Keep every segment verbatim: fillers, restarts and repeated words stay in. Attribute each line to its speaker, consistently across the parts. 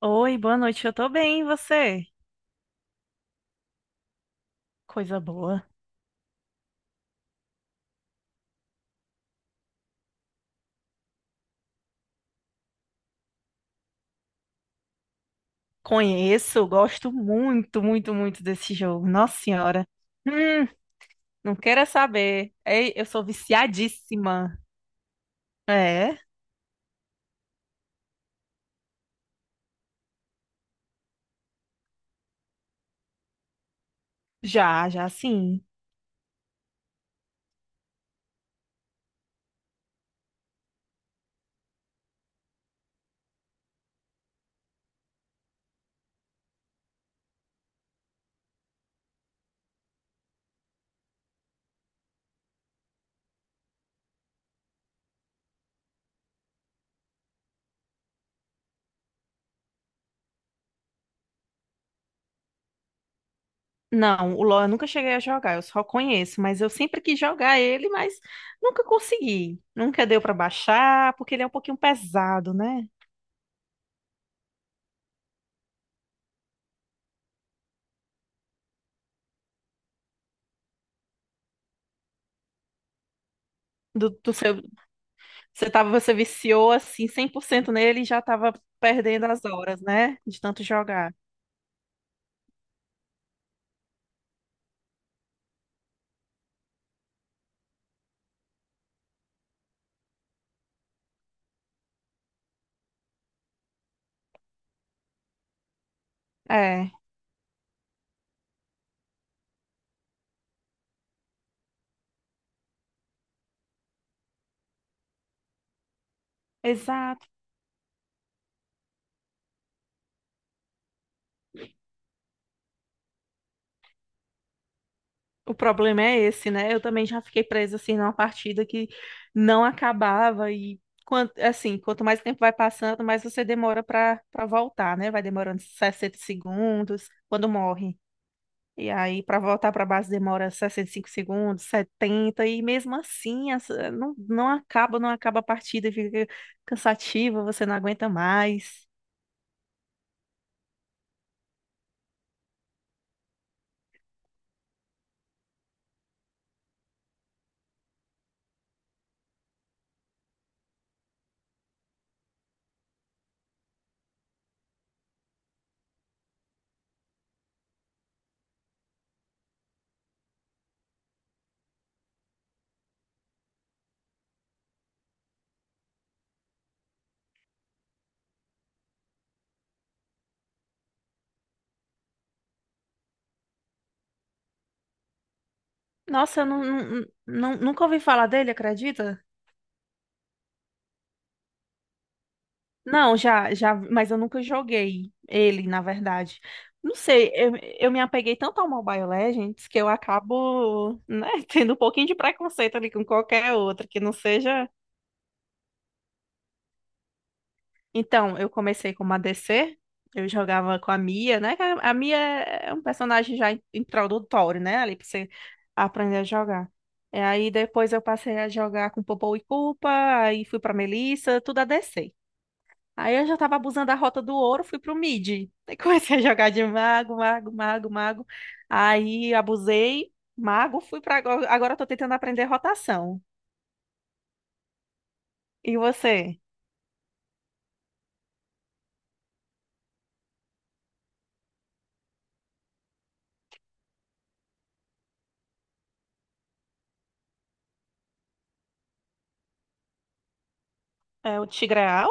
Speaker 1: Oi, boa noite. Eu tô bem, e você? Coisa boa. Conheço, gosto muito, muito, muito desse jogo. Nossa Senhora. Hum, não queira saber. Ei, eu sou viciadíssima. É? Já, já sim. Não, o LoL eu nunca cheguei a jogar, eu só conheço, mas eu sempre quis jogar ele, mas nunca consegui. Nunca deu pra baixar, porque ele é um pouquinho pesado, né? Do, do seu, você tava, você viciou assim cem por cento nele e já tava perdendo as horas, né? De tanto jogar. É, exato. O problema é esse, né? Eu também já fiquei presa assim numa partida que não acabava e quanto, assim, quanto mais tempo vai passando, mais você demora pra para voltar, né? Vai demorando sessenta segundos quando morre. E aí pra voltar pra base demora sessenta e cinco segundos, setenta e mesmo assim essa- não, não acaba, não acaba a partida e fica cansativa, você não aguenta mais. Nossa, eu não, não, não- nunca ouvi falar dele, acredita? Não, já, já, mas eu nunca joguei ele, na verdade. Não sei, eu, eu me apeguei tanto ao Mobile Legends que eu acabo, né, tendo um pouquinho de preconceito ali com qualquer outra que não seja. Então, eu comecei como A D C, eu jogava com a Mia, né? Que A a Mia é um personagem já in- introdutório, né? Ali pra você aprender a jogar. E aí depois eu passei a jogar com Popou e Culpa, aí fui pra Melissa, tudo a ADC. Aí eu já tava abusando da rota do ouro, fui pro mid. Aí comecei a jogar de mago, mago, mago, mago. Aí abusei, mago, fui pra. Agora. Agora eu tô tentando aprender rotação. E você? É o Tigreal?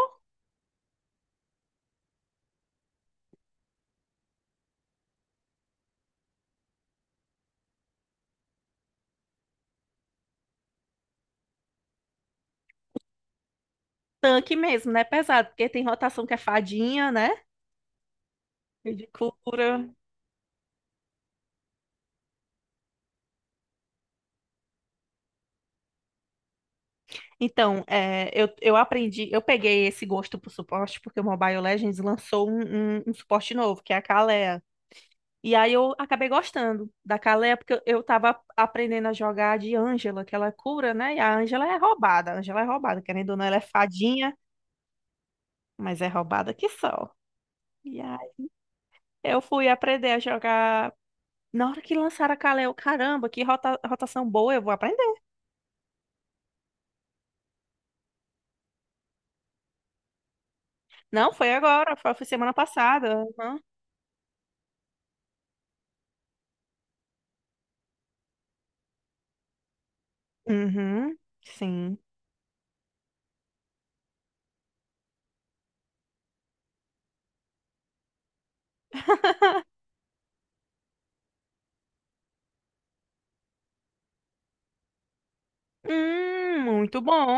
Speaker 1: Tanque mesmo, né? Pesado, porque tem rotação que é fadinha, né? E de cura. Então, é, eu, eu aprendi, eu peguei esse gosto por suporte, porque o Mobile Legends lançou um, um, um suporte novo, que é a Kalea. E aí eu acabei gostando da Calé, porque eu eu tava aprendendo a jogar de Ângela, que ela é cura, né? E a Ângela é roubada, a Ângela é roubada, querendo ou não, ela é fadinha, mas é roubada que só. E aí eu fui aprender a jogar. Na hora que lançaram a Calé, eu, caramba, que rota- rotação boa, eu vou aprender. Não, foi agora, foi, foi semana passada. Uhum. Uhum. Sim. Hum, muito bom.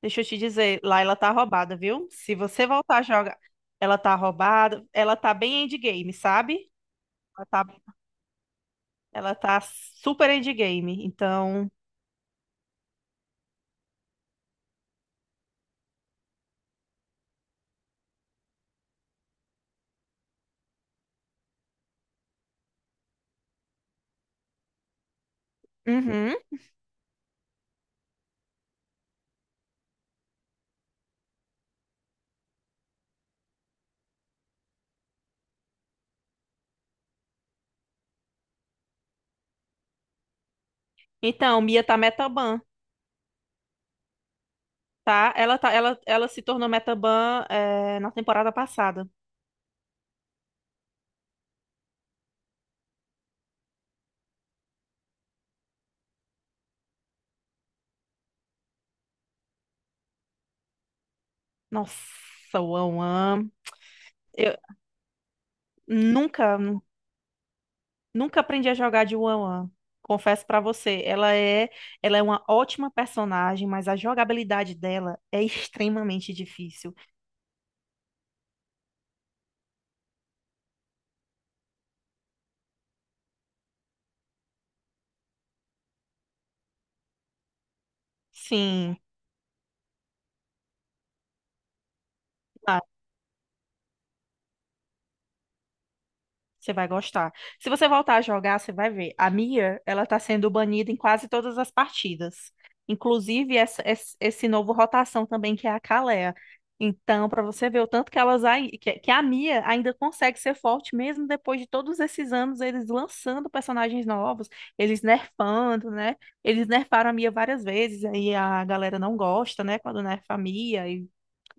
Speaker 1: Deixa eu te dizer, lá ela tá roubada, viu? Se você voltar a jogar, ela tá roubada, ela tá bem endgame, sabe? Ela tá, ela tá super endgame. Então. Uhum. Então Mia tá metaban, tá? Ela tá, ela, ela se tornou metaban, é, na temporada passada. Nossa, One One. Eu nunca, nunca aprendi a jogar de One One. Confesso pra você, ela é, ela é uma ótima personagem, mas a jogabilidade dela é extremamente difícil. Sim. Você vai gostar. Se você voltar a jogar, você vai ver. A Mia, ela tá sendo banida em quase todas as partidas. Inclusive essa, esse, esse novo rotação também, que é a Kalea. Então, pra você ver o tanto que elas ai- que, que a Mia ainda consegue ser forte mesmo depois de todos esses anos eles lançando personagens novos, eles nerfando, né? Eles nerfaram a Mia várias vezes, aí a galera não gosta, né, quando nerfa a Mia e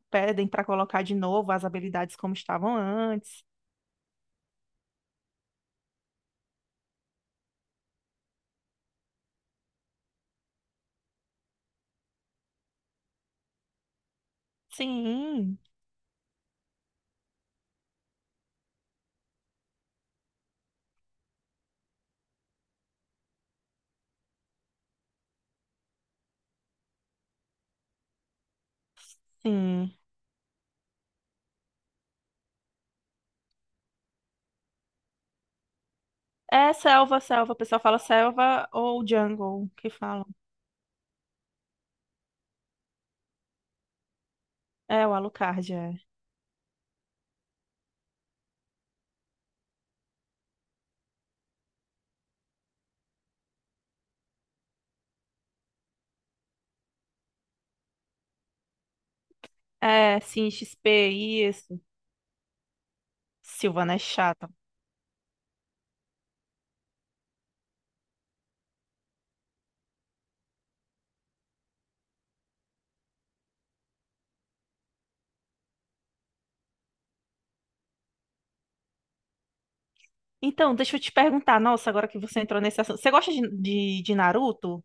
Speaker 1: pedem pra colocar de novo as habilidades como estavam antes. Sim, sim. É selva, selva. O pessoal fala selva ou jungle, que falam. É, o Alucard, é. É, sim, X P, isso. Silvana é chata. Então, deixa eu te perguntar. Nossa, agora que você entrou nesse assunto. Você gosta de, de, de Naruto?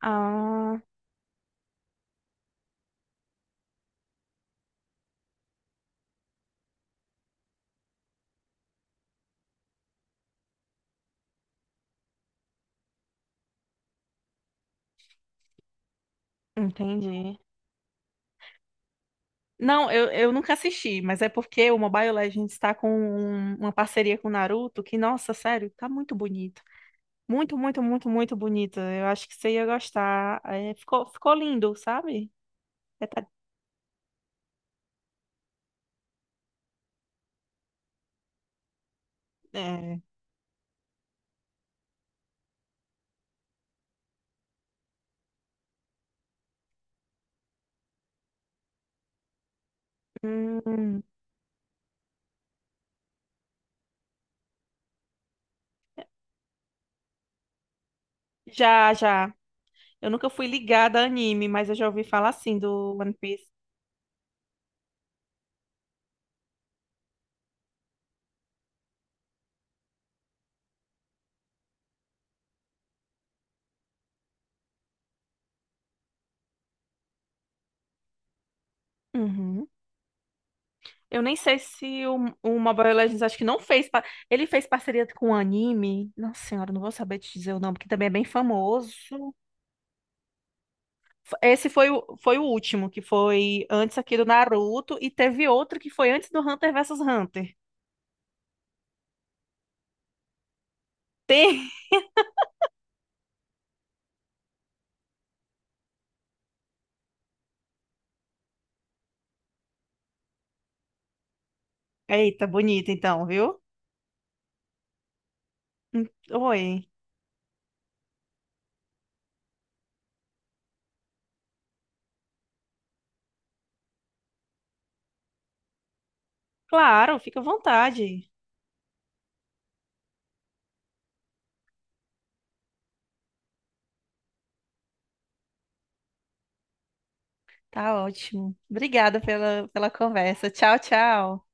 Speaker 1: Ah, entendi. Não, eu, eu nunca assisti, mas é porque o Mobile Legends está com um- uma parceria com o Naruto que, nossa, sério, tá muito bonito. Muito, muito, muito, muito bonito. Eu acho que você ia gostar. É, ficou, ficou lindo, sabe? É, tá- é. Hum, já, já. Eu nunca fui ligada a anime, mas eu já ouvi falar assim do One Piece. Uhum. Eu nem sei se o, o Mobile Legends acho que não fez. pa- Ele fez parceria com o anime. Nossa Senhora, não vou saber te dizer o nome, porque também é bem famoso. Esse foi o, foi o último, que foi antes aqui do Naruto, e teve outro que foi antes do Hunter versus Hunter. Tem. Eita, bonito então, viu? Hum. Oi. Claro, fica à vontade. Tá ótimo. Obrigada pela, pela conversa. Tchau, tchau.